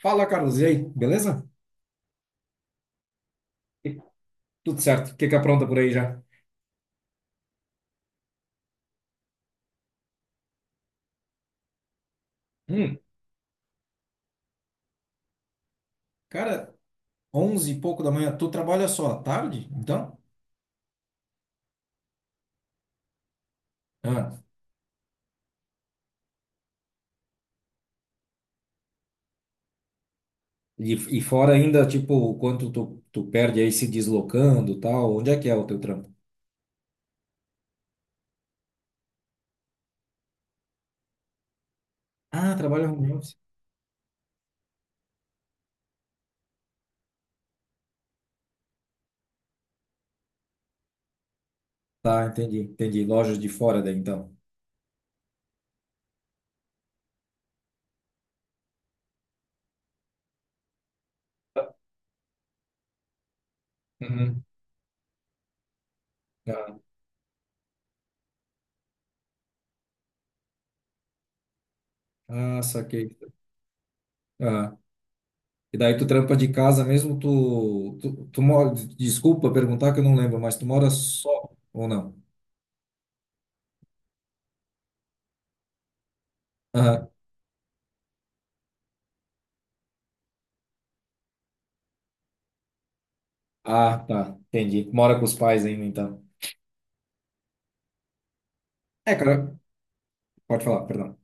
Fala, Carlos, e aí, beleza? E- Tudo certo, o que que apronta por aí já? Hum. Cara, 11 e pouco da manhã, tu trabalha só à tarde, então? Ah, e, e fora ainda, tipo, o quanto tu perde aí se deslocando, tal, onde é que é o teu trampo? Ah, trabalha home office. Tá, entendi, entendi, lojas de fora daí, então. Uhum. Ah, ah, saquei. Ah, e daí tu trampa de casa mesmo, tu mora, desculpa perguntar que eu não lembro, mas tu mora só ou não? Ah, tá. Entendi. Mora com os pais ainda, então. É, cara, pode falar, perdão.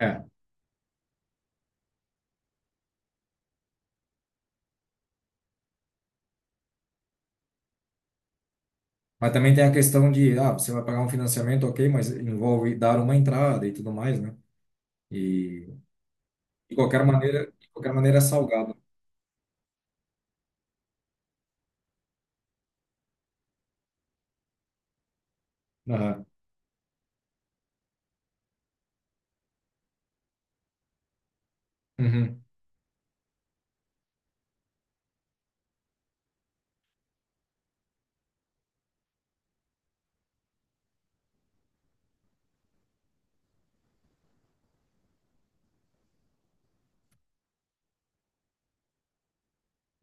É. Mas também tem a questão de, ah, você vai pagar um financiamento, ok, mas envolve dar uma entrada e tudo mais, né? E de qualquer maneira é salgado. Aham. Uhum.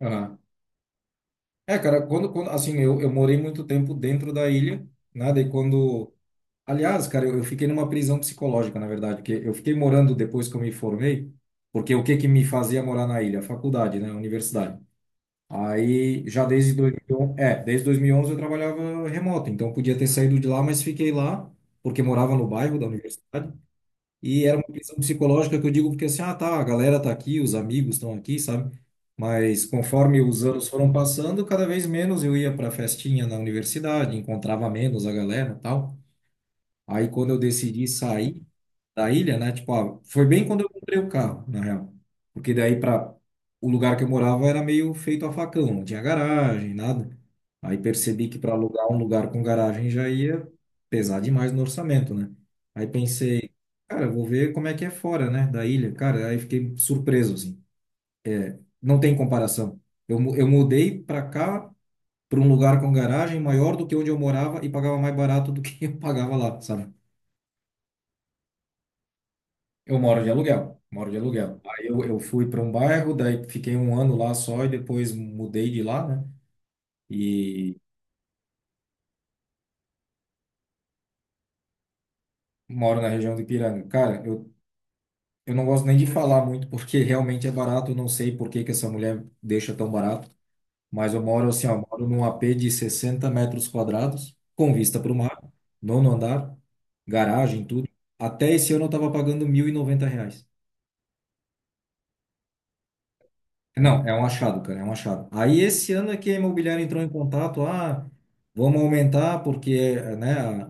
Aham. É, cara, quando, assim, eu morei muito tempo dentro da ilha, né? Daí quando. Aliás, cara, eu fiquei numa prisão psicológica, na verdade, porque eu fiquei morando depois que eu me formei, porque o que que me fazia morar na ilha? A faculdade, né? A universidade. Aí, já desde 2011, é, desde 2011 eu trabalhava remoto, então eu podia ter saído de lá, mas fiquei lá, porque morava no bairro da universidade, e era uma prisão psicológica que eu digo porque assim, ah, tá, a galera tá aqui, os amigos estão aqui, sabe? Mas conforme os anos foram passando, cada vez menos eu ia para festinha na universidade, encontrava menos a galera, e tal. Aí quando eu decidi sair da ilha, né? Tipo, ah, foi bem quando eu comprei o carro, na real. Porque daí para o lugar que eu morava era meio feito a facão, não tinha garagem, nada. Aí percebi que para alugar um lugar com garagem já ia pesar demais no orçamento, né? Aí pensei, cara, eu vou ver como é que é fora, né, da ilha. Cara, aí fiquei surpreso assim. Não tem comparação. Eu mudei para cá, para um lugar com garagem maior do que onde eu morava e pagava mais barato do que eu pagava lá, sabe? Eu moro de aluguel, moro de aluguel. Aí eu fui para um bairro, daí fiquei um ano lá só e depois mudei de lá, né? E moro na região do Ipiranga. Cara, eu não gosto nem de falar muito porque realmente é barato, eu não sei por que que essa mulher deixa tão barato, mas eu moro assim, ó, moro num AP de 60 metros quadrados, com vista para o mar, nono andar, garagem, tudo. Até esse ano eu estava pagando R$ 1.090. Não, é um achado, cara, é um achado. Aí esse ano é que a imobiliária entrou em contato, ah, vamos aumentar porque, né, a,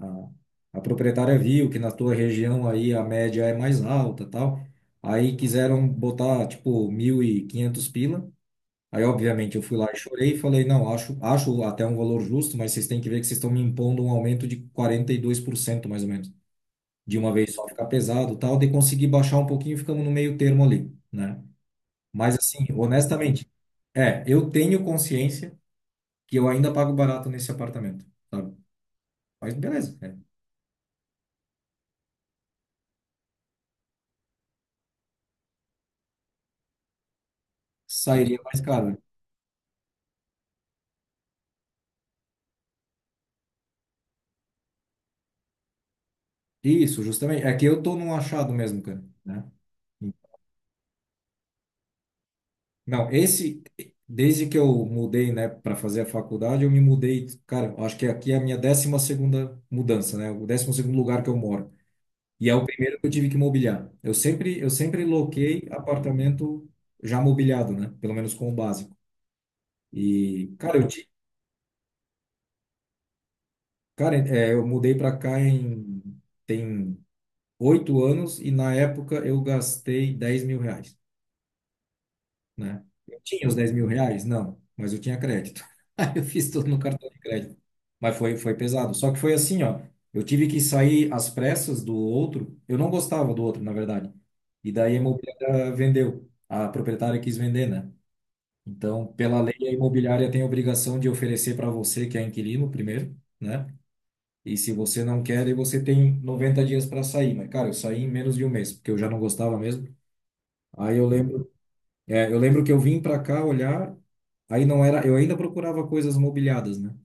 a proprietária viu que na tua região aí a média é mais alta, tal. Aí quiseram botar, tipo, R$ 1.500. Aí, obviamente, eu fui lá e chorei e falei, não, acho até um valor justo, mas vocês têm que ver que vocês estão me impondo um aumento de 42% mais ou menos, de uma vez só, ficar pesado, tal. De conseguir baixar um pouquinho, ficamos no meio termo ali, né? Mas assim, honestamente, é, eu tenho consciência que eu ainda pago barato nesse apartamento, sabe? Mas beleza, né? Sairia mais caro, né? Isso, justamente. É que eu tô num achado mesmo, cara, né? Não, esse, desde que eu mudei, né, para fazer a faculdade, eu me mudei, cara, acho que aqui é a minha 12ª mudança, né? O 12º lugar que eu moro. E é o primeiro que eu tive que mobiliar. Eu sempre loquei apartamento já mobiliado, né? Pelo menos com o básico. E, cara, cara, é, eu mudei pra cá em tem 8 anos e na época eu gastei R$ 10.000, né? Eu tinha os R$ 10.000? Não, mas eu tinha crédito. Aí eu fiz tudo no cartão de crédito. Mas foi pesado. Só que foi assim, ó. Eu tive que sair às pressas do outro. Eu não gostava do outro, na verdade. E daí a imobiliária vendeu. A proprietária quis vender, né? Então, pela lei, a imobiliária tem a obrigação de oferecer para você, que é inquilino, primeiro, né? E se você não quer, aí você tem 90 dias para sair. Mas, cara, eu saí em menos de um mês, porque eu já não gostava mesmo. Aí eu lembro, é, eu lembro que eu vim para cá olhar, aí não era, eu ainda procurava coisas mobiliadas, né?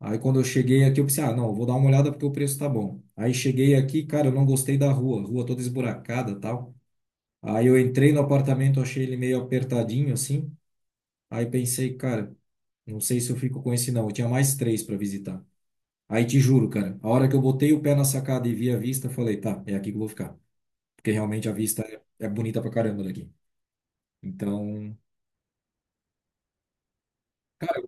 Aí quando eu cheguei aqui, eu pensei, ah, não, eu vou dar uma olhada porque o preço tá bom. Aí cheguei aqui, cara, eu não gostei da rua, rua toda esburacada, tal. Aí eu entrei no apartamento, achei ele meio apertadinho assim. Aí pensei, cara, não sei se eu fico com esse não. Eu tinha mais três para visitar. Aí te juro, cara, a hora que eu botei o pé na sacada e vi a vista, falei, tá, é aqui que eu vou ficar. Porque realmente a vista é bonita pra caramba daqui. Então, cara,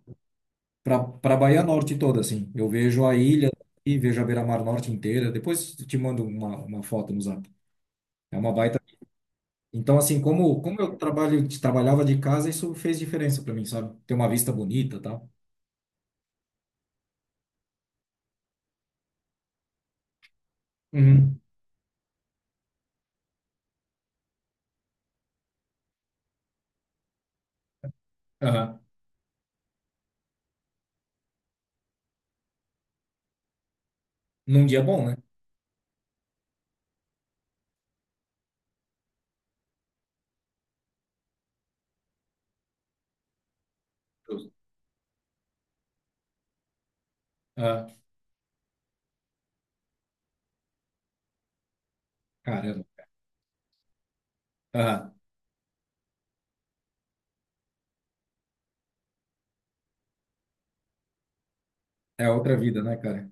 pra Bahia Norte toda, assim, eu vejo a ilha e vejo a Beira-Mar Norte inteira. Depois te mando uma foto no Zap. É uma baita. Então, assim, como eu trabalho, trabalhava de casa, isso fez diferença pra mim, sabe? Ter uma vista bonita e tal. Uhum. Aham. Num dia bom, né? Justo. Aham. Caramba. Aham. É outra vida, né, cara?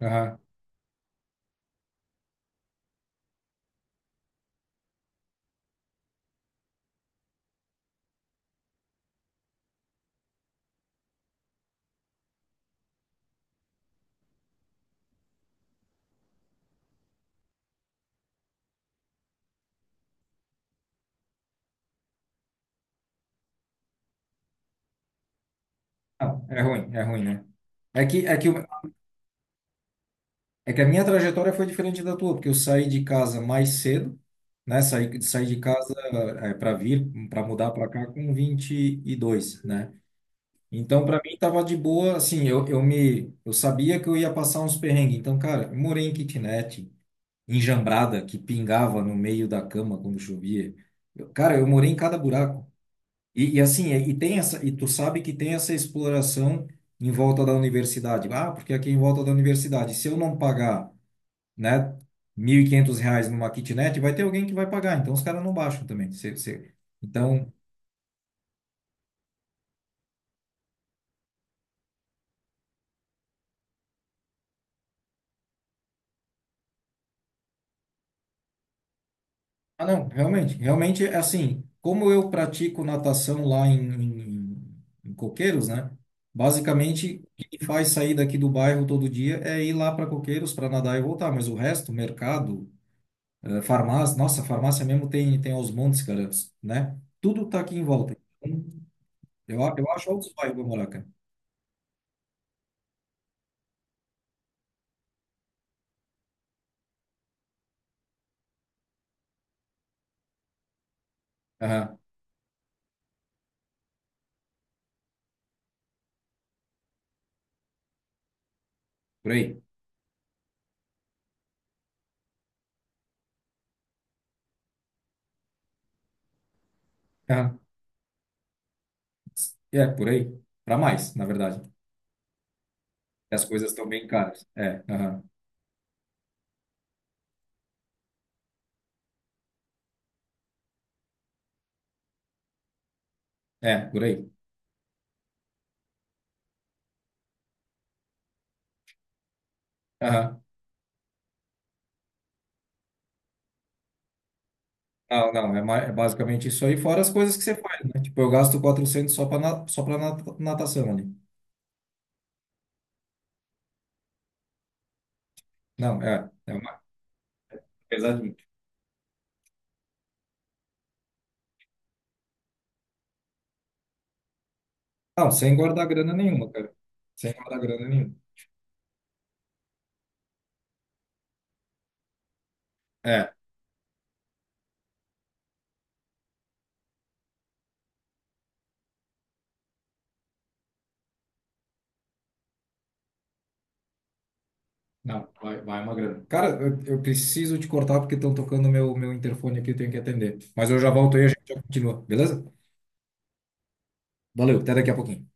Aham. Não, é ruim, né? É que, é que, o- é que a minha trajetória foi diferente da tua, porque eu saí de casa mais cedo, né? Saí, saí de casa é, para vir, para mudar para cá com 22, né? Então, para mim, tava de boa, assim, eu sabia que eu ia passar uns perrengues. Então, cara, eu morei em kitnet, enjambrada, que pingava no meio da cama quando chovia. Cara, eu morei em cada buraco. E assim, e tem essa, e tu sabe que tem essa exploração em volta da universidade. Ah, porque aqui em volta da universidade, se eu não pagar, né, R$ 1.500 numa kitnet, vai ter alguém que vai pagar. Então os caras não baixam também. Então, ah, não, realmente, realmente é assim. Como eu pratico natação lá em Coqueiros, né? Basicamente, o que me faz sair daqui do bairro todo dia é ir lá para Coqueiros para nadar e voltar. Mas o resto, mercado. Eh, farmácia, nossa, farmácia mesmo tem aos montes, cara, né? Tudo tá aqui em volta. Então, eu acho altos bairros pra morar, cara. Aham, por aí. Aham. É, por aí. Pra mais, na verdade. E as coisas estão bem caras. É, aham. É, por aí. Aham. Não, não, é, é basicamente isso aí, fora as coisas que você faz, né? Tipo, eu gasto 400 só pra, só pra natação ali. Não, é, é uma pesadinha. Não, sem guardar grana nenhuma, cara. Sem guardar grana nenhuma. É. Não, vai, vai uma grana. Cara, eu preciso te cortar porque estão tocando meu interfone aqui, eu tenho que atender. Mas eu já volto aí, a gente já continua, beleza? Valeu, até daqui a pouquinho.